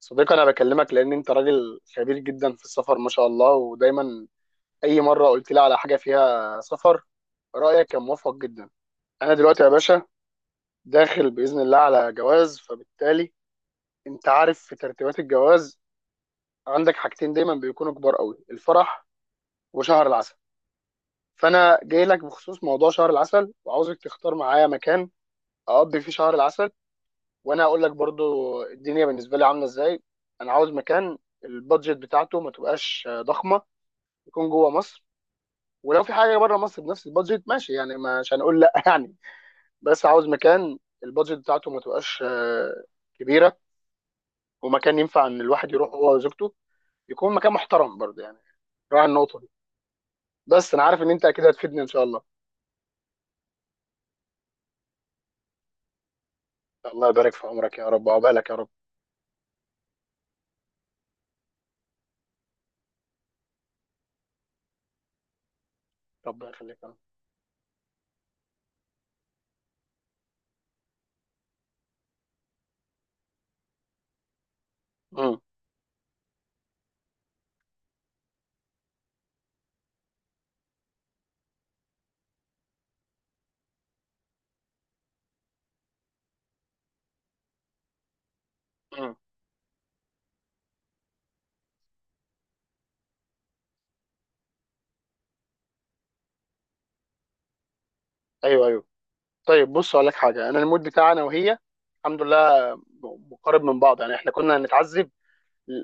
صديقي انا بكلمك لان انت راجل خبير جدا في السفر، ما شاء الله. ودايما اي مره قلت لي على حاجه فيها سفر، رايك كان موفق جدا. انا دلوقتي يا باشا داخل باذن الله على جواز، فبالتالي انت عارف في ترتيبات الجواز عندك حاجتين دايما بيكونوا كبار قوي: الفرح وشهر العسل. فانا جاي لك بخصوص موضوع شهر العسل وعاوزك تختار معايا مكان اقضي فيه شهر العسل. وانا هقول لك برضو الدنيا بالنسبه لي عامله ازاي. انا عاوز مكان البادجت بتاعته ما تبقاش ضخمه، يكون جوه مصر، ولو في حاجه بره مصر بنفس البادجت ماشي يعني، مش هنقول لا يعني. بس عاوز مكان البادجت بتاعته ما تبقاش كبيره، ومكان ينفع ان الواحد يروح هو وزوجته، يكون مكان محترم برضه يعني. راعي النقطه دي. بس انا عارف ان انت اكيد هتفيدني ان شاء الله. الله يبارك في عمرك يا رب وعقبالك يا رب. ربنا يخليك يا رب. مم. مم. ايوه ايوه. طيب، بص اقول لك حاجه، انا المود بتاعنا وهي الحمد لله مقارب من بعض، يعني احنا كنا هنتعذب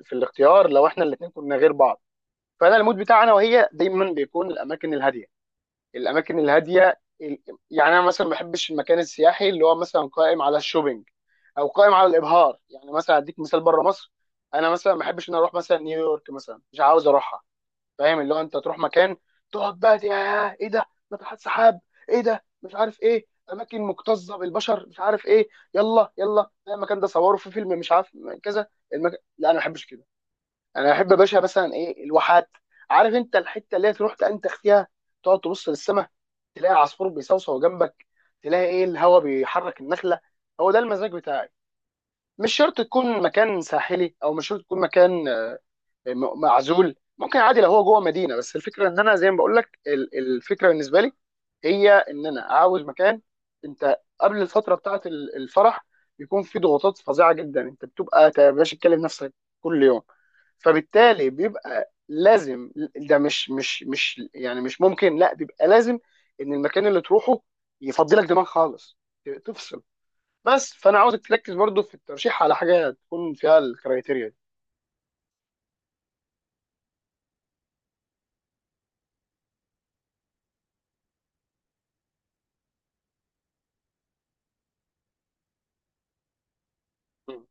في الاختيار لو احنا الاثنين كنا غير بعض. فانا المود بتاعي انا وهي دايما بيكون الاماكن الهاديه، الاماكن الهاديه يعني انا مثلا ما بحبش المكان السياحي اللي هو مثلا قائم على الشوبينج او قائم على الابهار. يعني مثلا اديك مثال بره مصر: انا مثلا ما بحبش ان أنا اروح مثلا نيويورك، مثلا مش عاوز اروحها. فاهم؟ اللي هو انت تروح مكان تقعد بقى يا ايه ده، ناطحات سحاب، ايه ده مش عارف ايه، اماكن مكتظه بالبشر، مش عارف ايه، يلا يلا لا، المكان ده صوروا في فيلم مش عارف كذا. المكان، لا انا ما بحبش كده. انا احب يا باشا مثلا ايه، الواحات. عارف انت الحته اللي هي تروح تنتخ فيها، تقعد تبص للسماء، تلاقي عصفور بيصوصو جنبك، تلاقي ايه الهواء بيحرك النخله. هو ده المزاج بتاعي. مش شرط تكون مكان ساحلي او مش شرط تكون مكان معزول، ممكن عادي لو هو جوه مدينه، بس الفكره ان انا زي ما بقول لك الفكره بالنسبه لي هي ان انا عاوز مكان. انت قبل الفتره بتاعه الفرح يكون في ضغوطات فظيعه جدا، انت بتبقى يا باشا تكلم نفسك كل يوم. فبالتالي بيبقى لازم، ده مش يعني مش ممكن، لا بيبقى لازم ان المكان اللي تروحه يفضلك دماغ خالص، تفصل. بس فانا عاوزك تركز برضو في الترشيح على حاجه تكون فيها الكرايتيريا دي. م-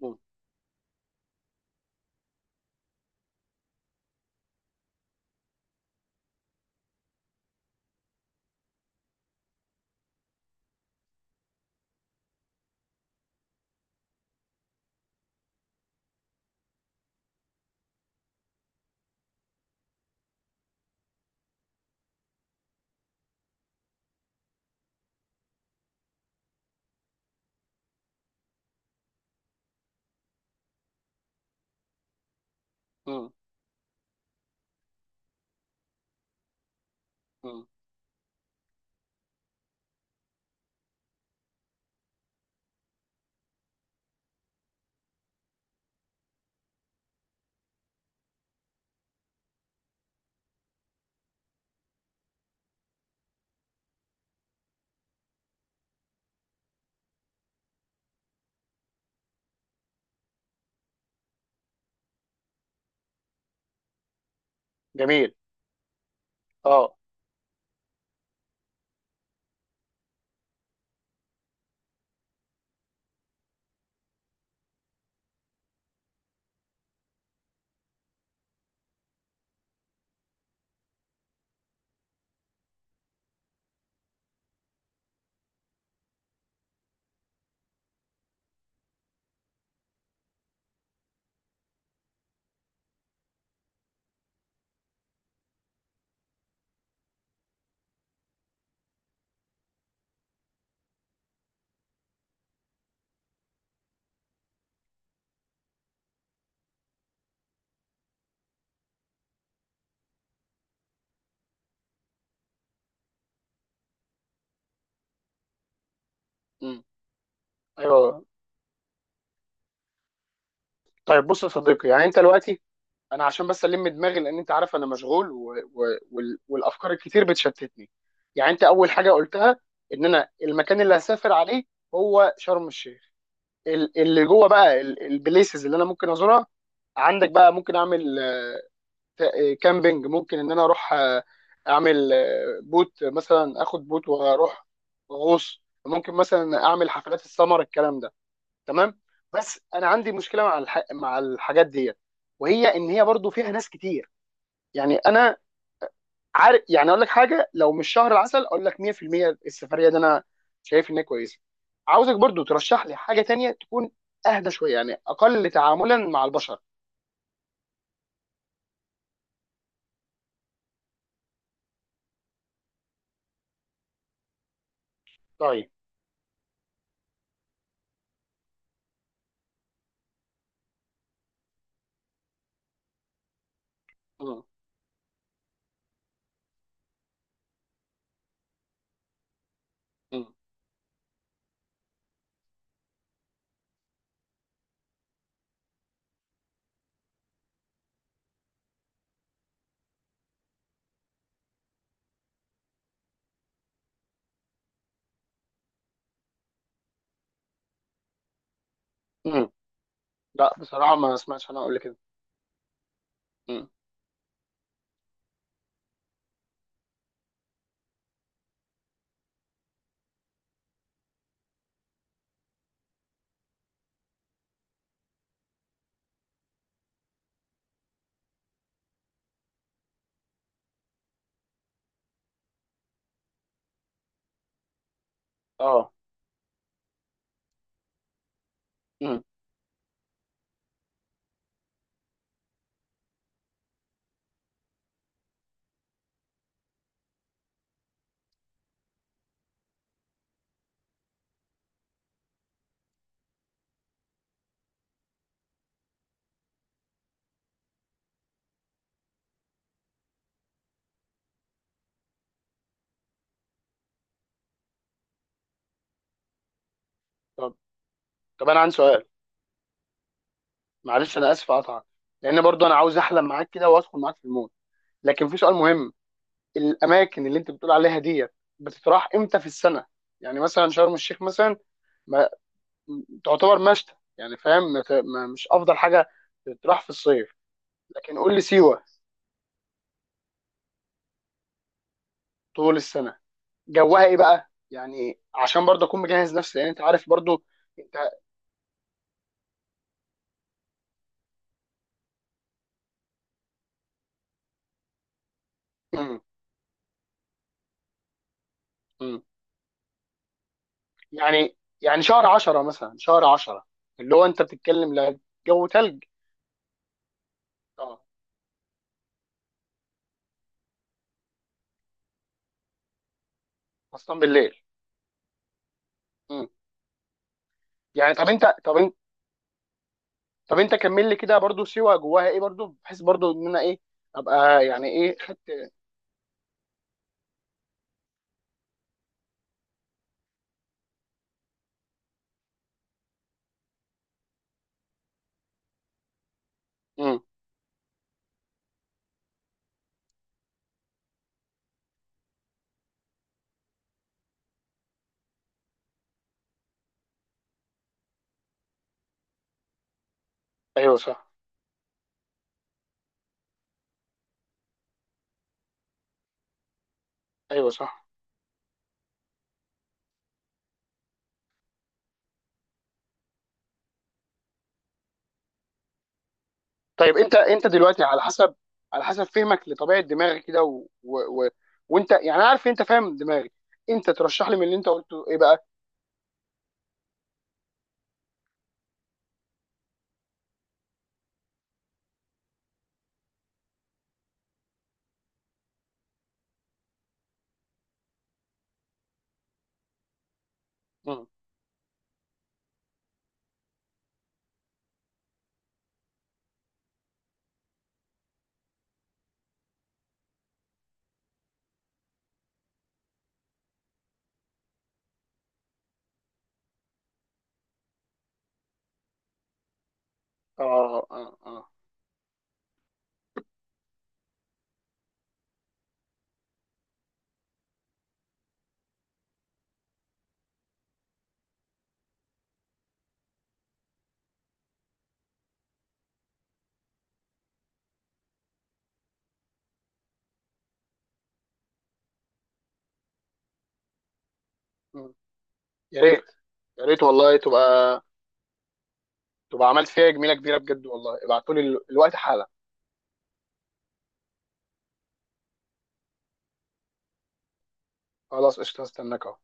م- م- م. جميل. اه. م. ايوه. طيب بص يا صديقي، يعني انت دلوقتي، انا عشان بس الم دماغي لان انت عارف انا مشغول، والافكار الكتير بتشتتني. يعني انت اول حاجه قلتها ان انا المكان اللي هسافر عليه هو شرم الشيخ، اللي جوه بقى البليسز اللي انا ممكن ازورها عندك بقى. ممكن اعمل كامبينج، ممكن ان انا اروح اعمل بوت، مثلا اخد بوت واروح غوص، ممكن مثلا اعمل حفلات السمر، الكلام ده. تمام. بس انا عندي مشكله مع مع الحاجات ديت، وهي ان هي برضو فيها ناس كتير. يعني انا عارف، يعني اقول لك حاجه، لو مش شهر العسل اقول لك 100% السفريه دي انا شايف انها كويسه. عاوزك برضو ترشح لي حاجه تانية تكون اهدى شويه، يعني اقل تعاملا مع البشر. طيب. مم. مم. مم. لا بصراحه ما سمعتش، انا اقول كده. مم. اه. مم. طب طب انا عندي سؤال، معلش انا اسف اقطعك، لان برضو انا عاوز احلم معاك كده وادخل معاك في المود، لكن في سؤال مهم. الاماكن اللي انت بتقول عليها ديت بتتراح امتى في السنه؟ يعني مثلا شرم الشيخ مثلا تعتبر مشتى يعني، فاهم؟ ما ت- ما- مش افضل حاجه تروح في الصيف. لكن قول لي سيوه، طول السنه جوها ايه بقى؟ يعني عشان برضه اكون مجهز نفسي، لان انت عارف برضه انت. مم. مم. يعني يعني شهر 10 مثلا، شهر 10 اللي هو انت بتتكلم، لا جو تلج؟ اه. خاصه بالليل. مم. يعني طب انت كمل لي كده برضه، سيوه جواها ايه برضه، بحيث برضه ان انا ايه ابقى يعني ايه خدت. مم. ايوه صح. ايوه صح. طيب انت دلوقتي على حسب، على حسب فهمك لطبيعه دماغي كده، وانت يعني انا عارف ان انت فاهم دماغي، انت ترشح لي من اللي انت قلته ايه بقى؟ مم. اه اه اه. مم. يا ريت، يا ريت والله، تبقى عملت فيها جميله كبيره بجد والله. ابعتولي الوقت حالا. خلاص قشطه، هستناك اهو.